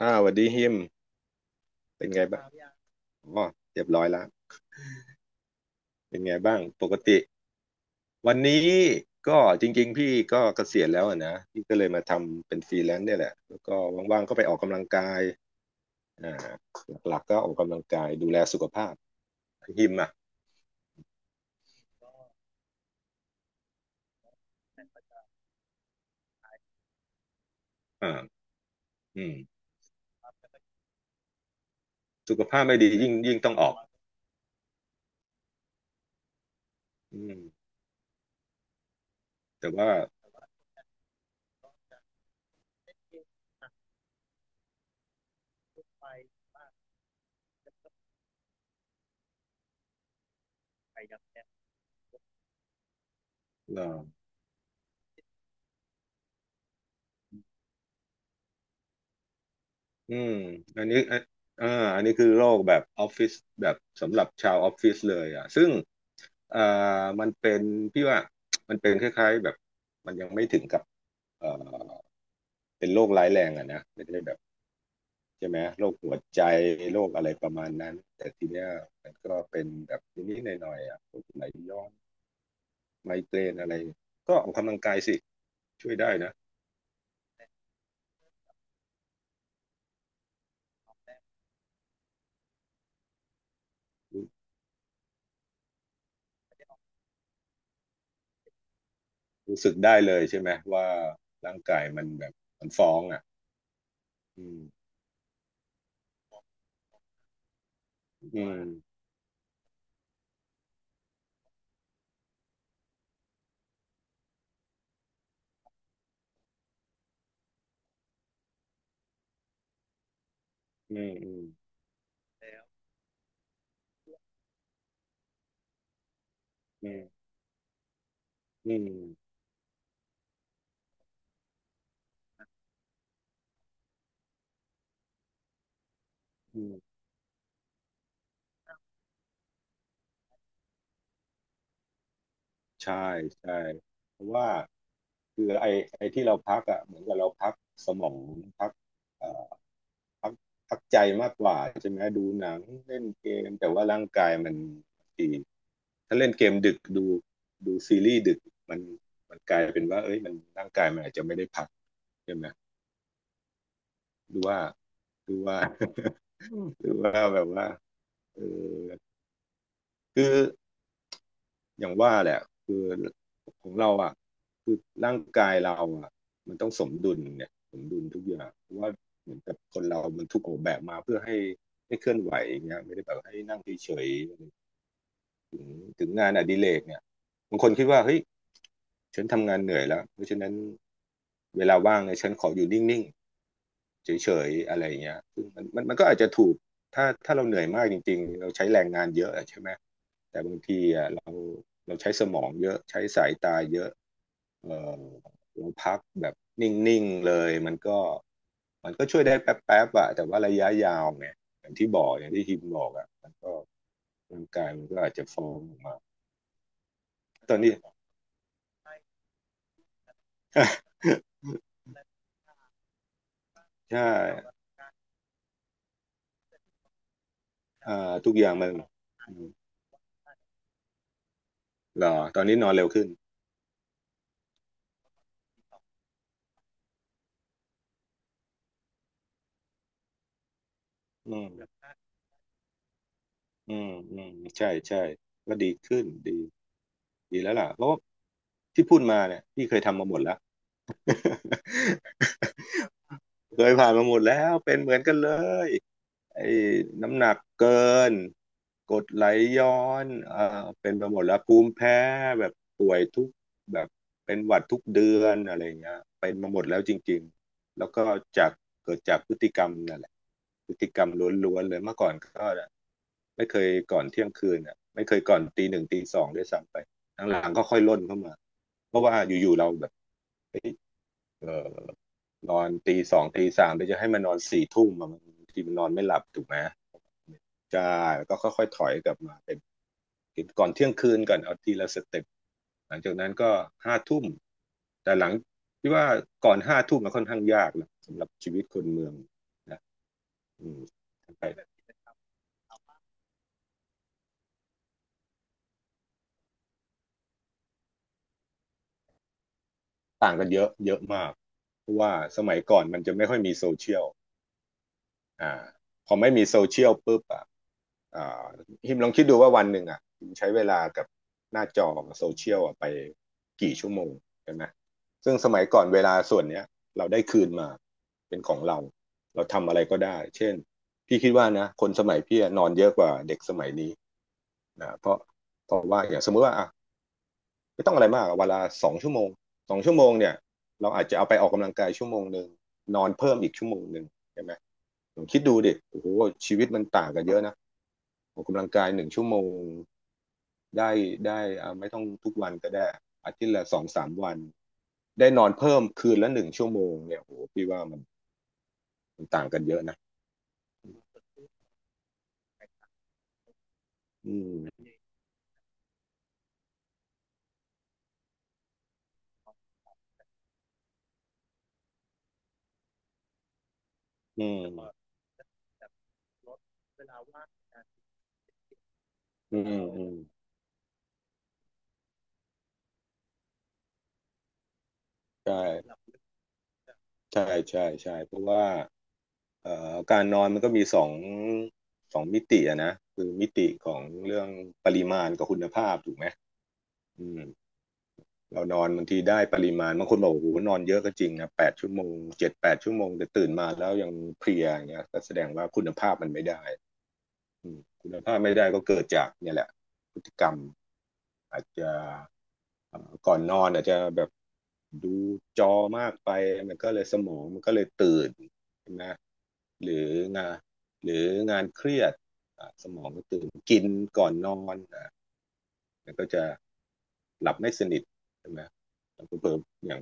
อ้าวสวัสดีฮิมเป็นไงบ้างอ๋อเรียบร้อยแล้วเป็นไงบ้างปกติวันนี้ก็จริงๆพี่ก็เกษียณแล้วอะนะพี่ก็เลยมาทำเป็นฟรีแลนซ์เนี่ยแหละแล้วก็ว่างๆก็ไปออกกำลังกายอ่าหลักๆก็ออกกำลังกายดูแลสุขภาพฮิมอ่ะอ่าอืมสุขภาพไม่ดียิ่งต้องออกอืมแต่ว่าเอ่อ อืมอันนี้อ่ะอ่าอันนี้คือโรคแบบออฟฟิศแบบสำหรับชาวออฟฟิศเลยอ่ะซึ่งเอ่อมันเป็นพี่ว่า มันเป็นคล้ายๆแบบมันยังไม่ถึงกับเอ่อเป็นโรคร้ายแรงอ่ะนะไม่ได้แบบใช่ไหมโรคหัวใจโรคอะไรประมาณนั้นแต่ทีเนี้ยมันก็เป็นแบบนิดๆหน่อยๆอ่ะปวดไหล่ย้อนไมเกรนอะไรก็ออกกำลังกายสิช่วยได้นะรู้รู้สึกได้เลยใช่ไหมว่าร่างกายมันแบบมันฟ้องอ่ะอืม อืมอืมอืมอืมอืมอืมใช่ใช่เพราะว่าคือไอ้ที่เราพักอ่ะเหมือนกับเราพักสมองพักเอ่อพักใจมากกว่าใช่ไหมดูหนังเล่นเกมแต่ว่าร่างกายมันดีถ้าเล่นเกมดึกดูซีรีส์ดึกมันมันกลายเป็นว่าเอ้ยมันร่างกายมันอาจจะไม่ได้พักใช่ไหมดูว่าดูว่า ดูว่าแบบว่าเออคือ อย่างว่าแหละคือของเราอ่ะคือร่างกายเราอ่ะมันต้องสมดุลเนี่ยสมดุลทุกอย่างเพราะว่าเหมือนกับคนเรามันถูกออกแบบมาเพื่อให้เคลื่อนไหวอย่างเงี้ยไม่ได้แบบให้นั่งเฉยๆถึงงานอดิเรกเนี่ยบางคนคิดว่าเฮ้ยฉันทำงานเหนื่อยแล้วเพราะฉะนั้นเวลาว่างเนี่ยฉันขออยู่นิ่ง เฉยๆอะไรอย่างเงี้ยมันก็อาจจะถูกถ้าเราเหนื่อยมากจริงๆเราใช้แรงงานเยอะอะใช่ไหม แต่บางทีอ่ะเราใช้สมองเยอะใช้สายตาเยอะเออเราพักแบบนิ่งๆเลยมันก็ช่วยได้แป๊บๆอะแต่ว่าระยะยาวเนี่ยอย่างที่บอกอย่างที่ฮิมบอกอะมันก็ร่างกายมันก็อาจจะฟ้องออกมาตอนนี้ ใช่อ่าทุกอย่างมันอืมเหรอตอนนี้นอนเร็วขึ้นอืม อืมอืมใช่ใช่ก็ดีขึ้นดีแล้วล่ะเพราะว่าที่พูดมาเนี่ยพี่เคยทำมาหมดแล้ว เคยผ่านมาหมดแล้วเป็นเหมือนกันเลย ไอ้น้ำหนักเกินกรดไหลย้อนเป็นไปหมดแล้วภูมิแพ้แบบป่วยทุกแบบเป็นหวัดทุกเดือนอะไรอย่างเงี้ยเป็นมาหมดแล้วจริงๆแล้วก็จากเกิดจากพฤติกรรมนั่นแหละพฤติกรรมล้วนๆเลยเมื่อก่อนก็ไม่เคยก่อนเที่ยงคืนอ่ะไม่เคยก่อนตี 1 ตี 2ด้วยซ้ำไปหลังๆก็ค่อยล่นเข้ามาเพราะว่าอยู่ๆเราแบบ เออนอนตี 2 ตี 3เดี๋ยวจะให้มันนอน4 ทุ่มอะมันบางทีมันนอนไม่หลับถูกไหมใช่แล้วก็ค่อยๆถอยกลับมาเป็นกินก่อนเที่ยงคืนก่อนเอาทีละสเต็ปหลังจากนั้นก็ห้าทุ่มแต่หลังที่ว่าก่อนห้าทุ่มมันค่อนข้างยากนะสำหรับชีวิตคนเมืองนะอืมทั้งไปต่างกันเยอะเยอะมากเพราะว่าสมัยก่อนมันจะไม่ค่อยมีโซเชียล อ่าพอไม่มีโซเชียลปุ๊บอ่ะอ่าฮิมลองคิดดูว่าวันหนึ่งอ่ะฮิมใช้เวลากับหน้าจอโซเชียลอ่ะไปกี่ชั่วโมงใช่ไหมซึ่งสมัยก่อนเวลาส่วนเนี้ยเราได้คืนมาเป็นของเราเราทำอะไรก็ได้เช่นพี่คิดว่านะคนสมัยพี่อะนอนเยอะกว่าเด็กสมัยนี้นะเพราะว่าอย่างสมมติว่าอ่ะไม่ต้องอะไรมากอะเวนลาสองชั่วโมงเนี่ยเราอาจจะเอาไปออกกำลังกายชั่วโมงหนึ่งนอนเพิ่มอีกชั่วโมงหนึ่งใช่ไหม ผมคิดดูดิโอ้โหชีวิตมันต่างกันเยอะนะออกกำลังกายหนึ่งชั่วโมงได้ได้อ่าไม่ต้องทุกวันก็ได้อาทิตย์ละ2-3 วันได้นอนเพิ่มคืนละหนึ่งชั่วโมงเนี่ยโอ้โหพี่ว่ามันต่างกันเยอะนะอืมอืมอืมอืมใช่ใช่ใช่ใช่เพราะว่าการนอนมันก็มีสองมิติอะนะคือมิติของเรื่องปริมาณกับคุณภาพถูกไหมอืม เรานอนบางทีได้ปริมาณบางคนบอกโอ้โหนอนเยอะก็จริงนะแปดชั่วโมง7-8 ชั่วโมงแต่ตื่นมาแล้วยังเพลียอย่างเงี้ยก็แสดงว่าคุณภาพมันไม่ได้คุณภาพไม่ได้ก็เกิดจากเนี่ยแหละพฤติกรรมอาจจะก่อนนอนอาจจะแบบดูจอมากไปมันก็เลยสมองมันก็เลยตื่นใช่ไหมหรืองานหรืองานเครียดสมองก็ตื่นกินก่อนนอน มันก็จะหลับไม่สนิทใช่ไหมแล้วก็เพิ่มอย่าง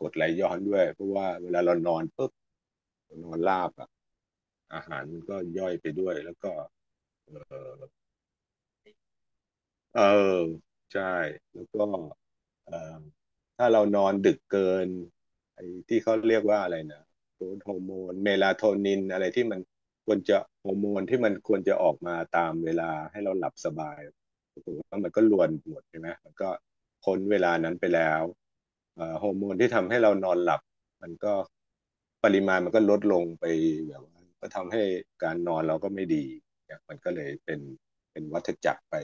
กดไหลย้อนด้วยเพราะว่าเวลาเรานอนปุ๊บเรานอนราบอ่ะอาหารมันก็ย่อยไปด้วยแล้วก็ เออใช่แล้วก็เอ่อถ้าเรานอนดึกเกินไอ้ที่เขาเรียกว่าอะไรนะฮอร์โมนเมลาโทนินอะไรที่มันควรจะฮอร์โมนที่มันควรจะออกมาตามเวลาให้เราหลับสบายปรากฏว่ามันก็รวนหมดใช่ไหมมันก็พ้นเวลานั้นไปแล้วฮอร์โมนที่ทำให้เรานอนหลับมันก็ปริมาณมันก็ลดลงไปแบบว่าก็ทำให้การนอนเราก็ไม่ดีเนี่ยมันก็เลยเป็นวัฏจักรไป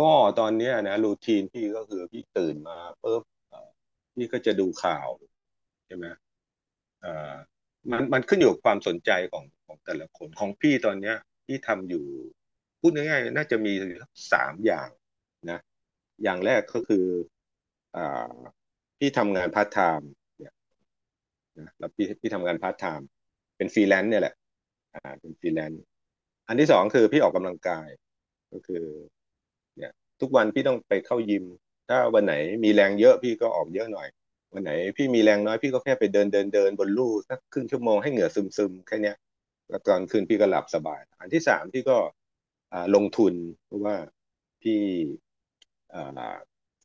ก็ตอนเนี้ยนะรูทีนพี่ก็คือพี่ตื่นมาปุ๊บเอ่อพี่ก็จะดูข่าวใช่ไหมเอ่อมันขึ้นอยู่กับความสนใจของแต่ละคนของพี่ตอนเนี้ยพี่ทำอยู่พูดง่ายๆน่าจะมีอยู่สักสามอย่างนะอย่างแรกก็คืออ่าพี่ทำงานพาร์ทไทม์เนี่ยนะแล้วพี่ทำงานพาร์ทไทม์เป็นฟรีแลนซ์เนี่ยแหละเป็นฟรีแลนซ์อันที่สองคือพี่ออกกำลังกายก็คือ เนี่ยทุกวันพี่ต้องไปเข้ายิมถ้าวันไหนมีแรงเยอะพี่ก็ออกเยอะหน่อยวันไหนพี่มีแรงน้อยพี่ก็แค่ไปเดินเดินเดินบนลู่สักครึ่งชั่วโมงให้เหงื่อซึมซึมแค่เนี้ยแล้วตอนคืนพี่ก็หลับสบายอันที่สามพี่ก็ลงทุนเพราะว่าพี่อ่า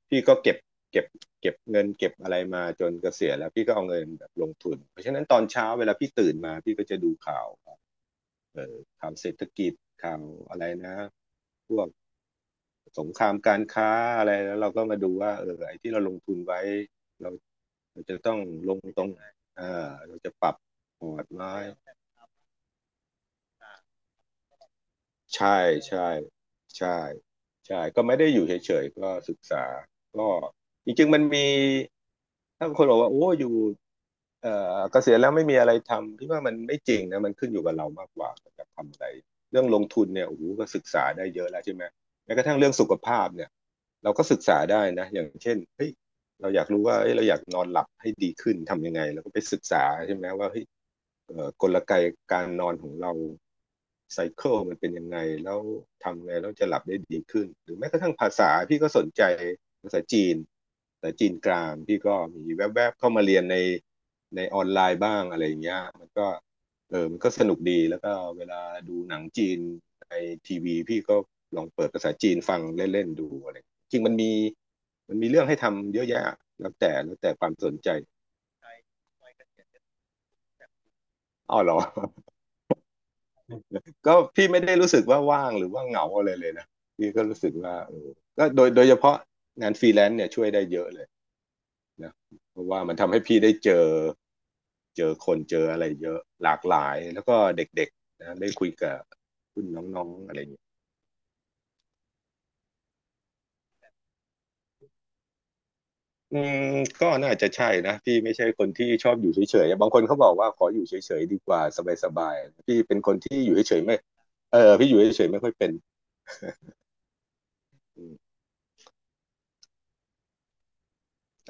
พี่ก็เก็บเก็บเงินเก็บอะไรมาจนเกษียณแล้วพี่ก็เอาเงินแบบลงทุนเพราะฉะนั้นตอนเช้าเวลาพี่ตื่นมาพี่ก็จะดูข่าวข่าวเศรษฐกิจข่าวอะไรนะพวก สงครามการค้าอะไรแล้วเราก็มาดูว่าเออไอ้ที่เราลงทุนไว้เราเราจะต้องลงตรงไหนเราจะปรับพอร์ตไหมใช่ใช่ใช่ใช่ก็ไม่ได้อยู่เฉยๆก็ศึกษาก็จริงๆมันมีถ้าคนบอกว่าโอ้อยู่เอ่เกษียณแล้วไม่มีอะไรทำพี่ว่ามันไม่จริงนะมันขึ้นอยู่กับเรามากกว่าเราจะทำอะไรเรื่องลงทุนเนี่ยโอ้โหก็ศึกษาได้เยอะแล้วใช่ไหมแม้กระทั่งเรื่องสุขภาพเนี่ยเราก็ศึกษาได้นะอย่างเช่นเฮ้ย เราอยากรู้ว่าเอ้ยเราอยากนอนหลับให้ดีขึ้นทำยังไงเราก็ไปศึกษาใช่ไหมว่าเฮ้ยกลไกการนอนของเราไซเคิลมันเป็นยังไงแล้วทำไงแล้วจะหลับได้ดีขึ้นหรือแม้กระทั่งภาษาพี่ก็สนใจภาษาจีนภาษาจีนกลางพี่ก็มีแวบๆเข้ามาเรียนในออนไลน์บ้างอะไรอย่างเงี้ยมันก็เออมันก็สนุกดีแล้วก็เวลาดูหนังจีนในทีวีพี่ก็ลองเปิดภาษาจีนฟังเล่นๆดูอะไร จริงมันมีเรื่องให้ทำเยอะแยะแล้วแต่ความสนใจอ้าวเหรอ ก็พี่ไม่ได้รู้สึกว่าว่างหรือว่าเหงาอะไรเลยนะพี่ก็รู้สึกว่าเออก็โดยเฉพาะงานฟรีแลนซ์เนี่ยช่วยได้เยอะเลยนะเพราะว่ามันทำให้พี่ได้เจอคนเจออะไรเยอะหลากหลายแล้วก็เด็กๆนะได้คุยกับรุ่นน้องๆอะไรอย่างี้ อืมก็น่าจะใช่นะพี่ไม่ใช่คนที่ชอบอยู่เฉยๆบางคนเขาบอกว่าขออยู่เฉยๆดีกว่าสบายๆพี่เป็นคนที่อยู่เฉยๆไม่เออพี่อยู่เฉยๆไม่ค่อยเป็นอืม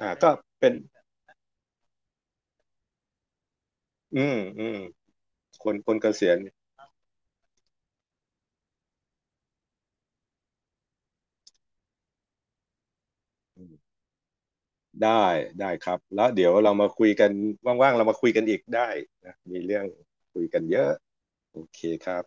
ก็เป็นอืมอืมคนคนเกษียณอืมได้ได้ครับแล้วเดี๋ยวเรามาคุยกันว่างๆเรามาคุยกันอีกได้นะมีเรื่องคุยกันเยอะโอเคครับ